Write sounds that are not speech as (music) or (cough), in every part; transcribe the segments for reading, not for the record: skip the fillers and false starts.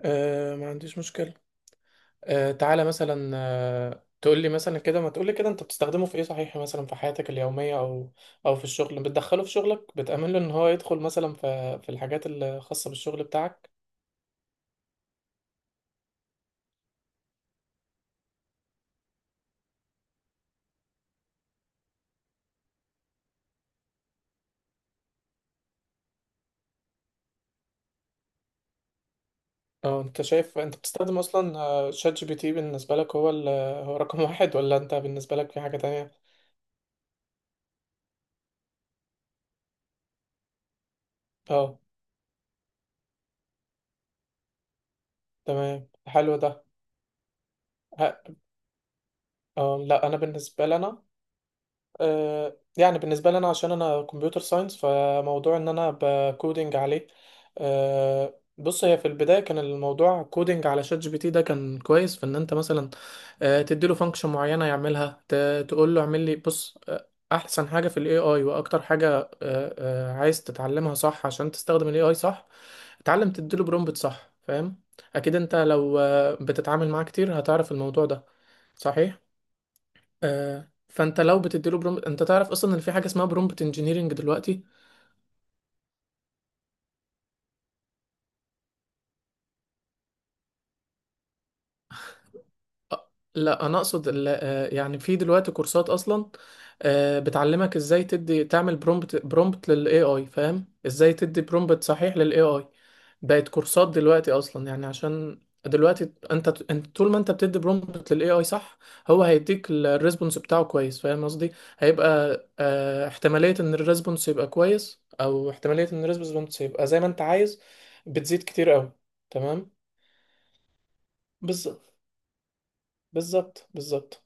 آه، ما عنديش مشكلة. آه، تعالى مثلا، آه، تقول لي مثلا كده، ما تقول لي كده، انت بتستخدمه في ايه صحيح مثلا في حياتك اليومية او او في الشغل، بتدخله في شغلك، بتأمن له ان هو يدخل مثلا في الحاجات الخاصة بالشغل بتاعك؟ او انت شايف انت بتستخدم اصلا، شات جي بي تي بالنسبة لك هو هو رقم (laughs) واحد، ولا انت بالنسبة لك في حاجة تانية؟ اه، تمام، حلو ده. ه- اه لا، انا بالنسبة لنا، يعني بالنسبة لي أنا، عشان أنا كمبيوتر ساينس، فموضوع إن أنا بكودينج عليه، بص، هي في البداية كان الموضوع كودينج على شات جي بي تي. ده كان كويس في إن أنت مثلا، تديله فانكشن معينة يعملها، تقول له اعمل لي. بص، أحسن حاجة في ال AI وأكتر حاجة، عايز تتعلمها صح عشان تستخدم ال AI صح، اتعلم تديله برومبت صح، فاهم؟ أكيد أنت لو، بتتعامل معاه كتير، هتعرف الموضوع ده، صحيح. فانت لو بتديله برومبت، انت تعرف اصلا ان في حاجه اسمها برومبت انجينيرنج دلوقتي. لا، انا اقصد يعني في دلوقتي كورسات اصلا، بتعلمك ازاي تدي تعمل برومبت للاي اي. فاهم ازاي تدي برومبت صحيح للاي اي؟ بقت كورسات دلوقتي اصلا، يعني عشان دلوقتي انت طول ما انت بتدي برومبت للاي اي صح، هو هيديك الريسبونس بتاعه كويس، فاهم قصدي؟ هيبقى، احتمالية ان الريسبونس يبقى كويس او احتمالية ان الريسبونس يبقى زي ما انت عايز بتزيد كتير قوي. تمام، بالظبط بالظبط، بالظبط.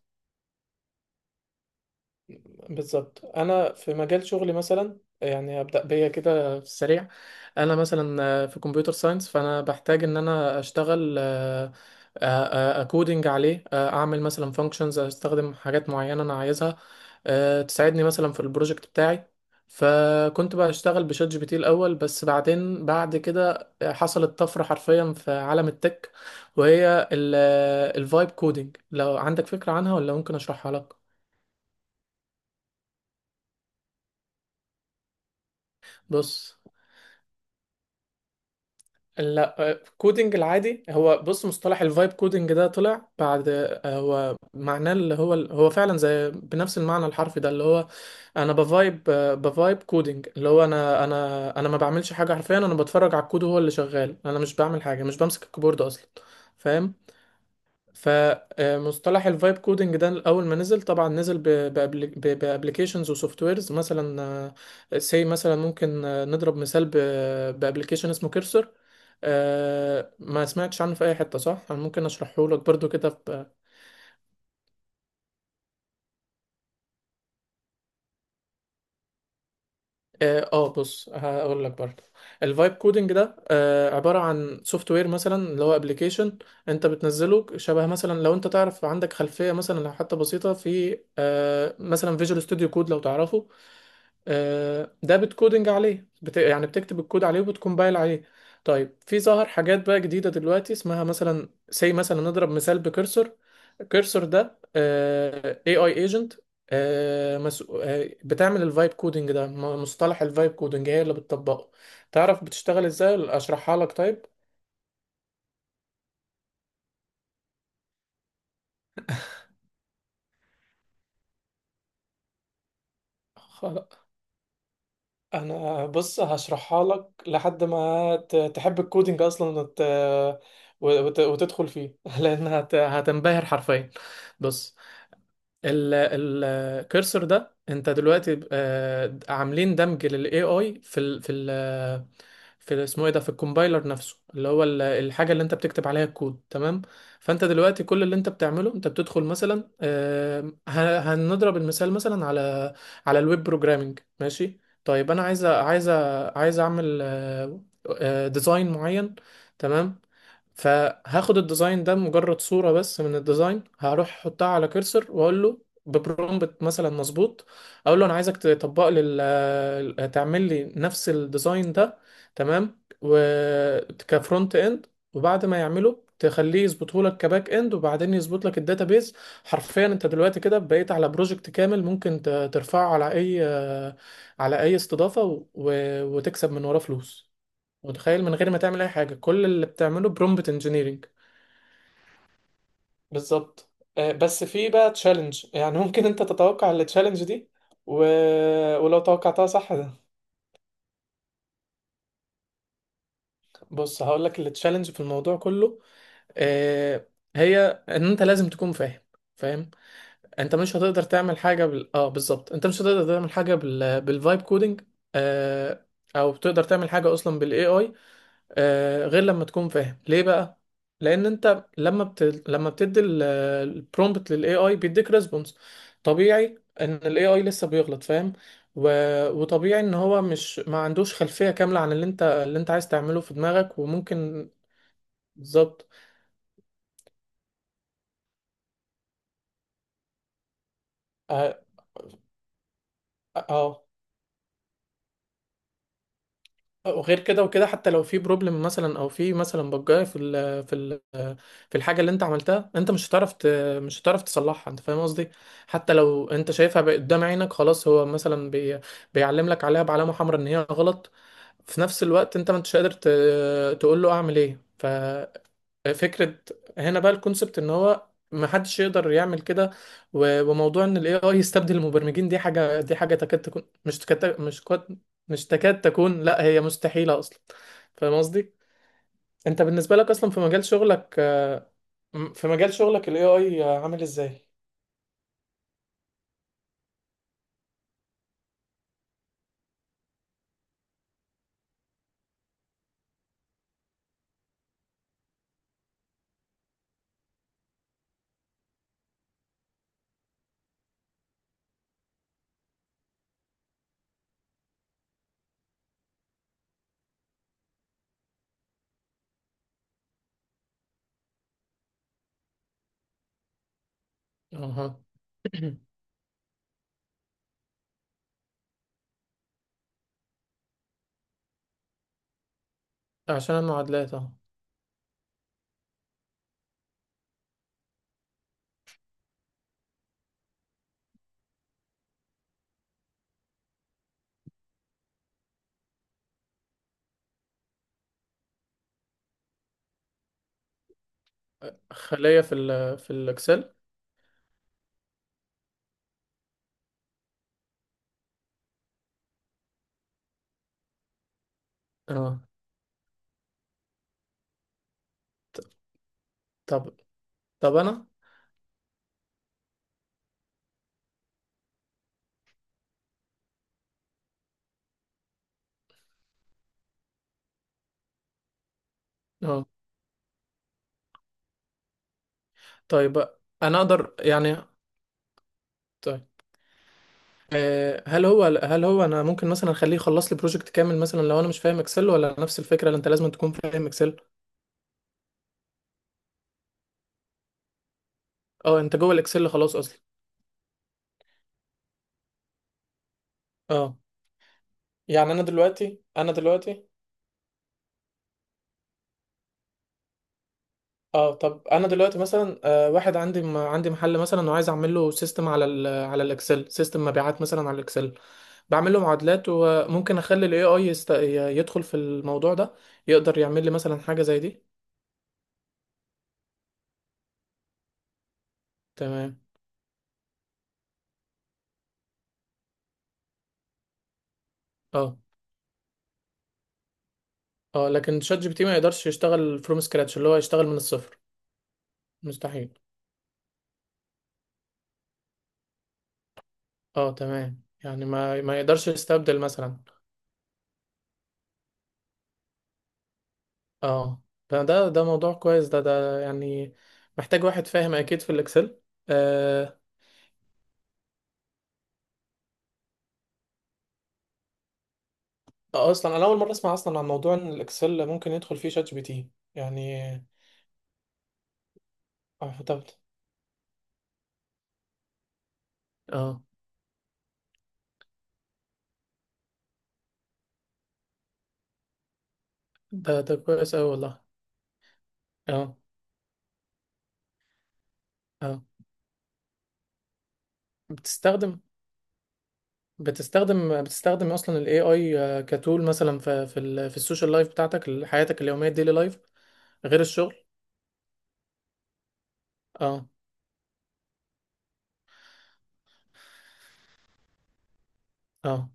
بالظبط، انا في مجال شغلي مثلا، يعني ابدا بيا كده في السريع. انا مثلا، في كمبيوتر ساينس، فانا بحتاج ان انا اشتغل، آه، اكودنج عليه، اعمل مثلا فانكشنز، استخدم حاجات معينه انا عايزها، تساعدني مثلا في البروجكت بتاعي. فكنت بقى اشتغل بشات جي بي تي الاول، بس بعدين بعد كده حصلت طفره حرفيا في عالم التك، وهي الفايب كودنج. لو عندك فكره عنها، ولا ممكن اشرحها لك؟ بص، لا، كودنج العادي، هو بص، مصطلح الفايب كودنج ده طلع بعد، هو معناه اللي هو، هو فعلا زي بنفس المعنى الحرفي ده، اللي هو انا بفايب، بفايب كودنج، اللي هو انا ما بعملش حاجه حرفيا، انا بتفرج على الكود وهو اللي شغال، انا مش بعمل حاجه، مش بمسك الكيبورد اصلا، فاهم؟ فمصطلح الفايب كودنج ده اول ما نزل، طبعا نزل بابلكيشنز وسوفت ويرز. مثلا سي مثلا ممكن، نضرب مثال، بابلكيشن اسمه كيرسر. آه، ما سمعتش عنه في اي حته صح؟ انا ممكن اشرحه لك برضو كده اه. بص، هقول لك برضو. الفايب كودنج ده، عباره عن سوفت وير مثلا، اللي هو ابلكيشن انت بتنزله، شبه مثلا لو انت تعرف، عندك خلفيه مثلا لو حتى بسيطه في، مثلا فيجوال ستوديو كود، لو تعرفه، ده بتكودنج عليه، يعني بتكتب الكود عليه وبتكمبايل عليه. طيب، في ظهر حاجات بقى جديدة دلوقتي اسمها مثلا، زي مثلا نضرب مثال بكرسر. الكرسر ده، AI agent، آه، مس... آه، بتعمل الفايب كودنج ده. مصطلح الفايب كودنج هي اللي بتطبقه. تعرف بتشتغل ازاي، ولا اشرحها لك؟ طيب انا، بص هشرحها لك لحد ما تحب الكودينج اصلا وتدخل فيه (laughs) لان هتنبهر حرفيا. بص، الكرسر ده انت دلوقتي، عاملين دمج للاي اي في اسمه ايه ده، في الكومبايلر نفسه، اللي هو الحاجه اللي انت بتكتب عليها الكود، تمام؟ فانت دلوقتي كل اللي انت بتعمله، انت بتدخل مثلا، هنضرب المثال مثلا على على الويب بروجرامنج، ماشي؟ طيب انا عايز، عايز اعمل، ديزاين معين، تمام. فهاخد الديزاين ده، مجرد صورة بس من الديزاين، هروح احطها على كرسر واقول له ببرومبت مثلا مظبوط، اقول له انا عايزك تطبق لي تعمل لي نفس الديزاين ده، تمام، وكفرونت اند. وبعد ما يعمله تخليه يظبطه لك كباك اند، وبعدين يظبط لك الداتابيز. حرفيا انت دلوقتي كده بقيت على بروجكت كامل، ممكن ترفعه على اي، على اي استضافة، و- وتكسب من وراه فلوس. متخيل؟ من غير ما تعمل اي حاجه، كل اللي بتعمله برومبت انجينيرنج. بالظبط. بس في بقى تشالنج، يعني ممكن انت تتوقع التشالنج دي، و... آه، ولو توقعتها صح ده. بص هقول لك التشالنج في الموضوع كله، آه، هي ان انت لازم تكون فاهم. انت مش هتقدر تعمل حاجه اه بالظبط، انت مش هتقدر تعمل حاجه بالفايب كودنج، آه، او تقدر تعمل حاجه اصلا بالاي اي، غير لما تكون فاهم ليه بقى. لان انت لما بتدي البرومبت للاي اي بيديك ريسبونس، طبيعي ان الاي اي لسه بيغلط، فاهم؟ و... وطبيعي ان هو مش، ما عندوش خلفية كاملة عن اللي انت، اللي انت عايز تعمله في دماغك، وممكن. بالظبط، اه، آه، آه. وغير كده وكده، حتى لو في بروبلم مثلا، او في مثلا بجايه في ال في ال في الحاجه اللي انت عملتها، انت مش هتعرف مش هتعرف تصلحها، انت فاهم قصدي؟ حتى لو انت شايفها بقى قدام عينك، خلاص هو مثلا بيعلم لك عليها بعلامه حمراء ان هي غلط، في نفس الوقت انت ما انتش قادر تقول له اعمل ايه، فكرة. هنا بقى الكونسبت، ان هو ما حدش يقدر يعمل كده. وموضوع ان الاي اي يستبدل المبرمجين، دي حاجة، دي حاجة تكاد تكون، مش تكاد، مش كاد، مش تكاد تكون، لا هي مستحيلة اصلا، فاهم قصدي؟ انت بالنسبة لك اصلا في مجال شغلك، في مجال شغلك الاي اي عامل ازاي؟ اها. (clears throat) عشان المعادلات، اه. خلية في ال في الاكسل، اه. ط- طب طب انا، اه، طيب انا اقدر يعني، هل هو انا ممكن مثلا اخليه يخلص لي بروجكت كامل مثلا لو انا مش فاهم اكسل، ولا نفس الفكره اللي انت لازم تكون فاهم اكسل؟ اه، انت جوه الاكسل خلاص اصلا. اه يعني انا دلوقتي، انا دلوقتي. اه طب انا دلوقتي مثلا، واحد عندي عندي محل مثلا، وعايز اعمل له سيستم على على الاكسل، سيستم مبيعات مثلا على الاكسل، بعمل له معادلات، وممكن اخلي الاي اي يدخل في الموضوع ده، يقدر يعمل لي مثلا حاجه زي دي؟ تمام، اه. اه لكن شات جي بي تي ما يقدرش يشتغل فروم سكراتش، اللي هو يشتغل من الصفر؟ مستحيل. اه تمام، يعني ما يقدرش يستبدل مثلا، اه. ده موضوع كويس، ده يعني محتاج واحد فاهم اكيد في الاكسل. آه. اصلا انا اول مره اسمع اصلا عن موضوع ان الاكسل ممكن يدخل فيه شات جي بي تي يعني. اه طب، اه، ده كويس اوي والله. اه، اه. بتستخدم بتستخدم اصلا الاي اي كتول مثلا في في السوشيال لايف بتاعتك، حياتك اليوميه، الديلي لايف، غير الشغل؟ اه، اه،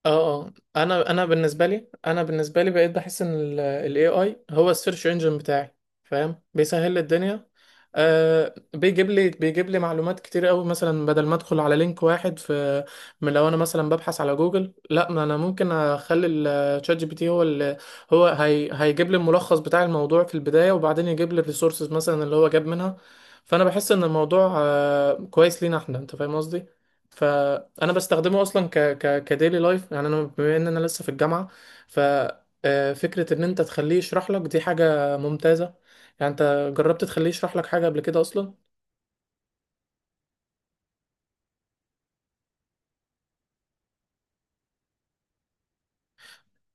اه. اه انا بالنسبه لي، انا بالنسبه لي، بقيت بحس ان ال AI هو السيرش انجن بتاعي، فاهم؟ بيسهل لي الدنيا. آه، بيجيب لي معلومات كتير قوي، مثلا بدل ما ادخل على لينك واحد في، من، لو انا مثلا ببحث على جوجل، لا، ما انا ممكن اخلي الشات جي بي تي هو اللي، هو هيجيب لي الملخص بتاع الموضوع في البدايه، وبعدين يجيب لي الريسورسز مثلا اللي هو جاب منها. فانا بحس ان الموضوع آه كويس لينا احنا، انت فاهم قصدي؟ فانا بستخدمه اصلا ك كديلي لايف، يعني انا بما ان انا لسه في الجامعه، ف، فكره ان انت تخليه يشرح لك دي حاجه ممتازه. يعني انت جربت تخليه يشرح لك حاجه قبل كده اصلا؟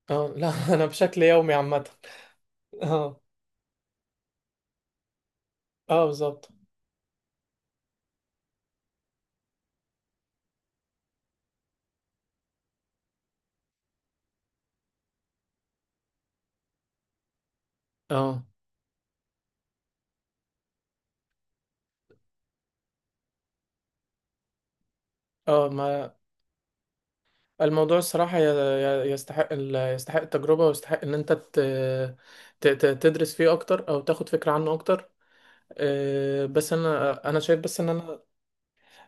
اه لا (laughs) انا بشكل يومي عامه. اه، اه بالظبط، اه، اه. ما الموضوع الصراحه يستحق يستحق التجربه، ويستحق ان انت تدرس فيه اكتر، او تاخد فكره عنه اكتر. بس انا، انا شايف بس ان انا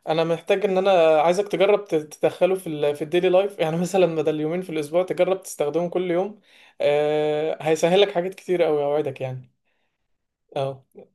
انا محتاج ان انا عايزك تجرب تدخله في ال في الديلي لايف، يعني مثلا بدل يومين في الاسبوع تجرب تستخدمهم كل يوم. آه هيسهلك حاجات كتير قوي، اوعدك يعني. اه.